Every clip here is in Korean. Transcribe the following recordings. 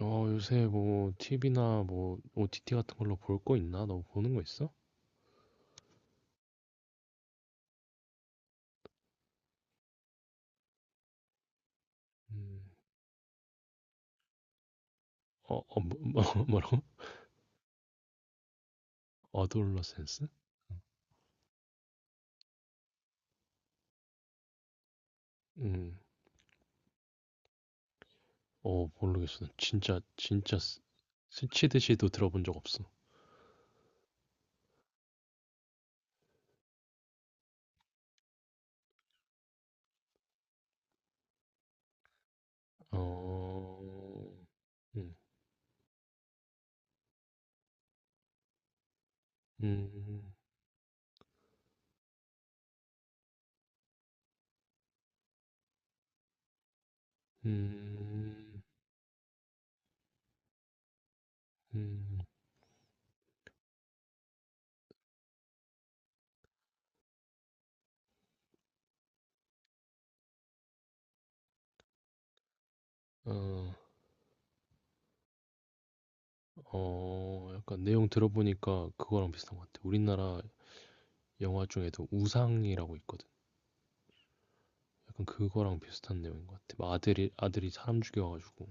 요새 뭐 TV나 뭐 OTT 같은 걸로 볼 거 있나? 너 보는 거 있어? 음. 어, 어, 뭐, 뭐- 뭐라고? 어드올러센스? 음. 모르겠어. 진짜 진짜 스치듯이도 들어본 적 없어. 어. 음. 음. 음. 음. 음. 어, 어, 약간 내용 들어보니까 그거랑 비슷한 것 같아. 우리나라 영화 중에도 우상이라고 있거든. 약간 그거랑 비슷한 내용인 것 같아. 막 아들이 사람 죽여가지고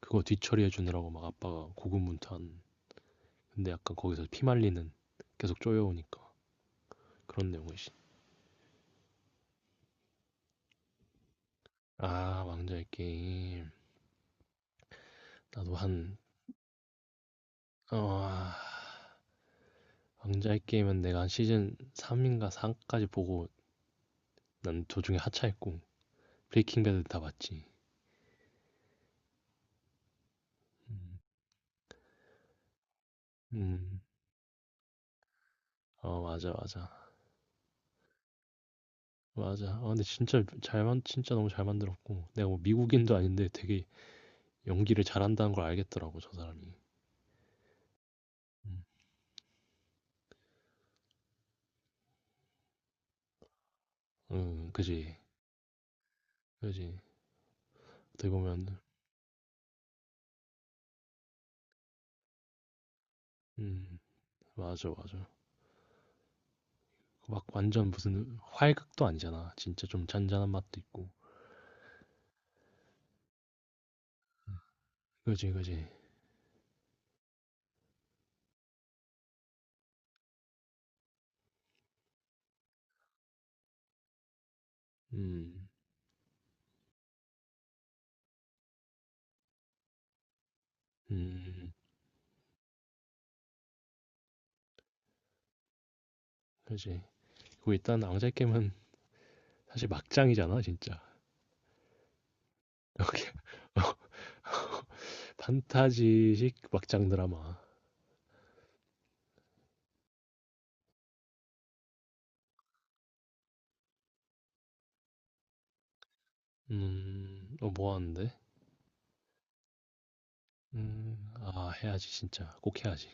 그거 뒤처리해 주느라고 막 아빠가 고군분투한. 근데 약간 거기서 피 말리는 계속 쪼여오니까 그런 내용이지. 아, 왕좌의 게임. 나도 한. 어, 왕좌의 게임은 내가 한 시즌 3인가 4까지 보고, 난 도중에 하차했고, 브레이킹 배드 다 봤지. 음, 음. 어, 맞아, 맞아. 맞아. 아, 근데 진짜 너무 잘 만들었고. 내가 뭐 미국인도 아닌데 되게 연기를 잘한다는 걸 알겠더라고, 저 사람이. 음, 그지. 그지. 어떻게 보면, 음, 맞아, 맞아. 그 막 완전 무슨 활극도 아니잖아. 진짜 좀 잔잔한 맛도 있고. 그지, 그지. 음, 음, 그지. 그리고 일단 앙제 게임은 사실 막장이잖아, 진짜. 판타지식 막장 드라마. 어, 뭐 하는데? 아, 해야지, 진짜. 꼭 해야지.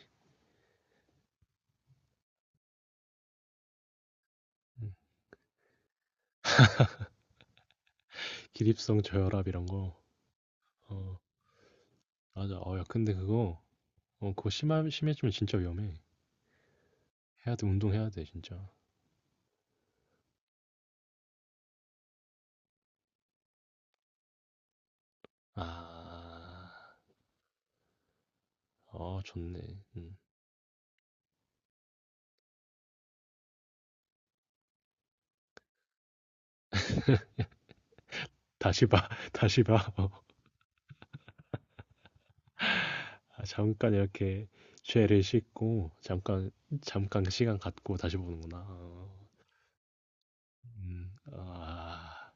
음, 기립성 저혈압 이런 거. 어, 맞아. 어, 야, 근데 그거 심해지면 진짜 위험해. 해야 돼, 운동해야 돼, 진짜. 아, 어, 좋네. 음. 다시 봐. 다시 봐. 어. 아, 잠깐 이렇게 죄를 씻고 잠깐 잠깐 시간 갖고 다시 보는구나. 어. 음. 아.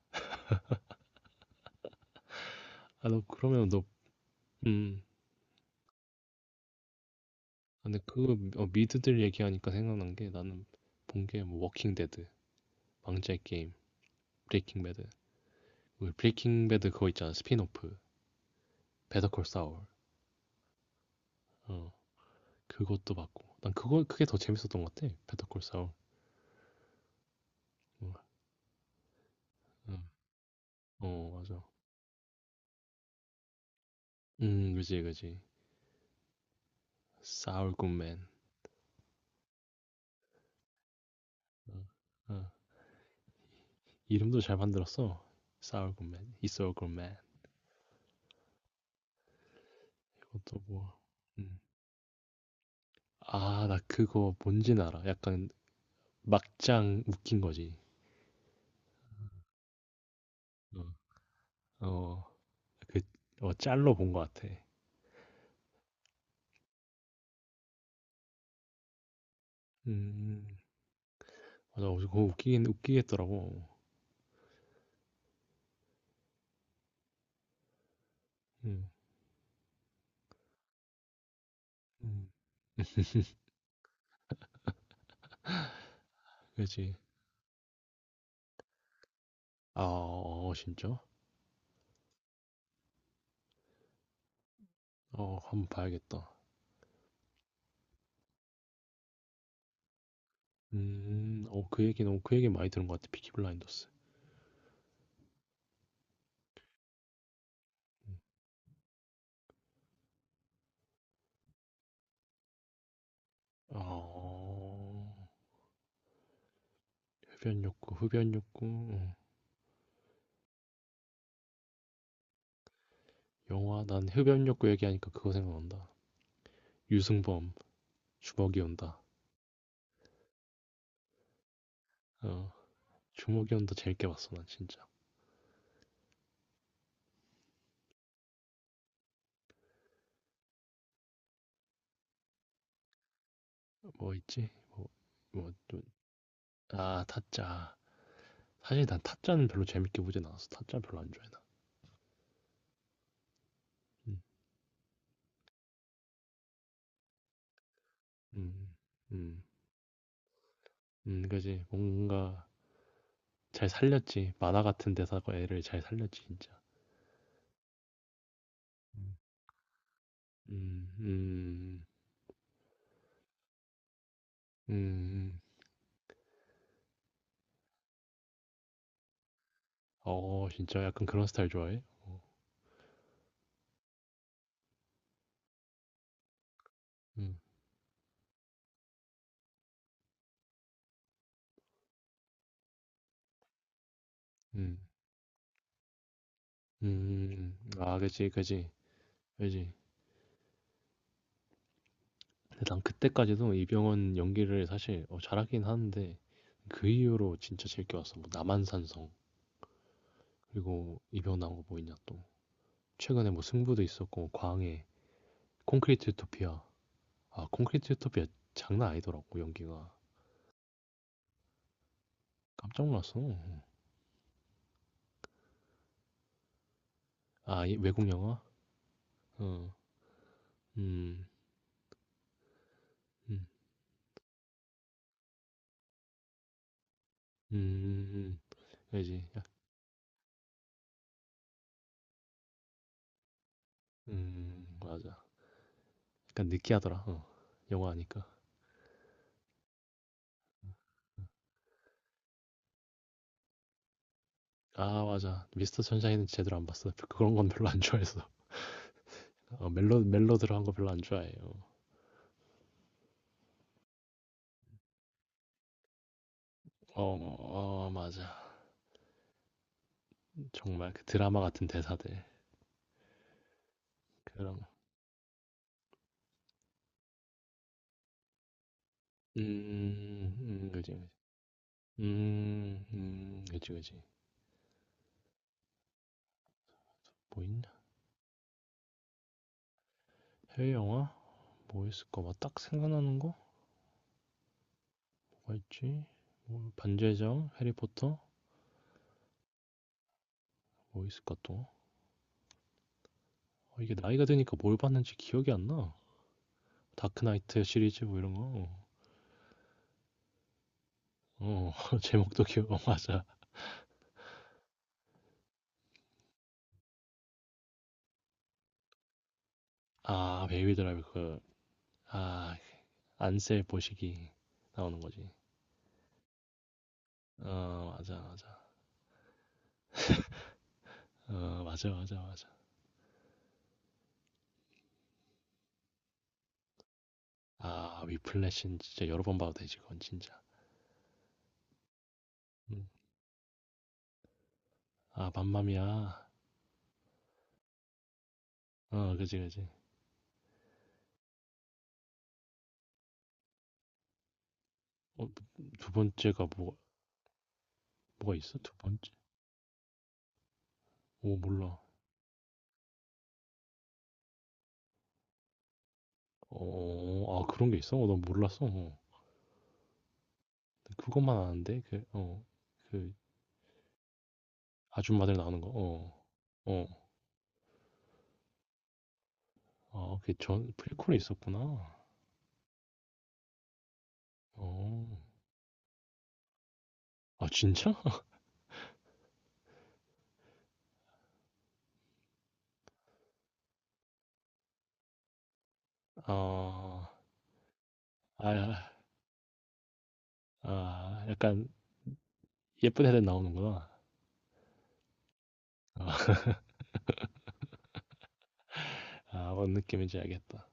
아, 너 그러면 너. 음. 아, 근데 그거 미드들 얘기하니까 생각난 게 나는 본 게 뭐 워킹 데드, 망자의 게임, 브레이킹 배드. 우리 브레이킹 배드 그거 있잖아. 스핀오프. 배터 콜 사울. 어. 그것도 봤고. 난 그거 그게 더 재밌었던 것 같아. 배터 콜 사울. 어. 어, 어, 맞아. 그지, 그지. 사울 굿맨. 어, 어. 이름도 잘 만들었어. Sourgreatman, i s o u g m a n. 이것도 뭐. 음. 아, 나 그거 뭔진 알아. 약간 막장 웃긴 거지. 어, 어, 그, 어, 짤로 본 것 같아. 음, 맞아. 어, 그거 웃기겠더라고. 음, 음. 그지. 아, 어, 어, 진짜? 어, 한번 봐야겠다. 어, 그 얘기 많이 들은 것 같아. 피키 블라인더스. 아, 어, 흡연 욕구, 흡연 욕구. 영화 난 흡연욕구 얘기하니까 그거 생각난다. 유승범 주먹이 온다. 어, 주먹이 온다 재밌게 봤어 난 진짜. 뭐 있지? 뭐뭐아 타짜. 사실 난 타짜는 별로 재밌게 보진 않았어. 타짜 별로 안 좋아해 나. 음, 음, 음, 그지. 뭔가 잘 살렸지. 만화 같은 대사가 애를 잘 살렸지 진짜. 음, 음, 음, 음, 음. 어, 진짜 약간 그런 스타일 좋아해? 음, 음, 음, 음, 아, 그지, 그지, 그지. 근데 난 그때까지도 이병헌 연기를 사실 잘하긴 하는데 그 이후로 진짜 즐겨 왔어. 뭐 남한산성 그리고 이병헌 나온 거 뭐 있냐 또 최근에 뭐 승부도 있었고 뭐 광해, 콘크리트 유토피아. 아, 콘크리트 유토피아 장난 아니더라고, 연기가. 깜짝 놀랐어. 아, 외국 영화? 어, 음, 음, 음, 알지? 야, 맞아. 약간 느끼하더라. 어, 영화 하니까. 아, 맞아. 미스터 선샤인은 제대로 안 봤어. 그런 건 별로 안 좋아해서. 어, 멜로 멜로 드어거 별로 안 좋아해요. 어, 어, 맞아. 정말 그 드라마 같은 대사들, 그런 거. 그지, 그지. 그지, 그지. 뭐 있나? 해외 영화? 뭐 있을까? 막 딱 생각나는 거? 뭐 있지? 뭐 반지의 제왕, 해리포터? 뭐 있을까 또? 어, 이게 나이가 드니까 뭘 봤는지 기억이 안 나. 다크나이트 시리즈 뭐 이런 거. 어, 제목도 기억, 어, 맞아. 아, 베이비 드라이브 그, 아, 안셀 보시기 나오는 거지. 어, 맞아, 맞아. 어, 맞아, 맞아, 맞아. 아, 위플래시는 진짜 여러 번 봐도 되지, 그건 진짜. 음. 아, 맘마미아. 어, 그지, 그지. 어, 두 번째가 뭐, 뭐가 있어? 두 번째? 오, 몰라. 어, 아, 그런 게 있어? 어, 난 몰랐어. 어. 그것만 아는데, 그, 어, 그, 아줌마들 나오는 거, 어, 어. 아, 그게 프리퀄이 있었구나. 어. 아, 진짜? 아, 아, 아, 아, 약간 예쁜 애들 나오는구나. 아. 아, 뭔 느낌인지 알겠다.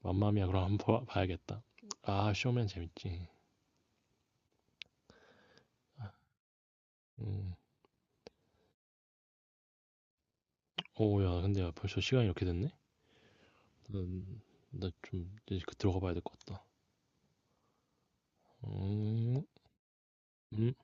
맘마미아 그럼 한번 봐야겠다. 아, 쇼맨 재밌지. 아, 음. 오, 야, 근데 야, 벌써 시간이 이렇게 됐네? 음, 나좀 이제 그 들어가 봐야 될 것 같다. 음, 음.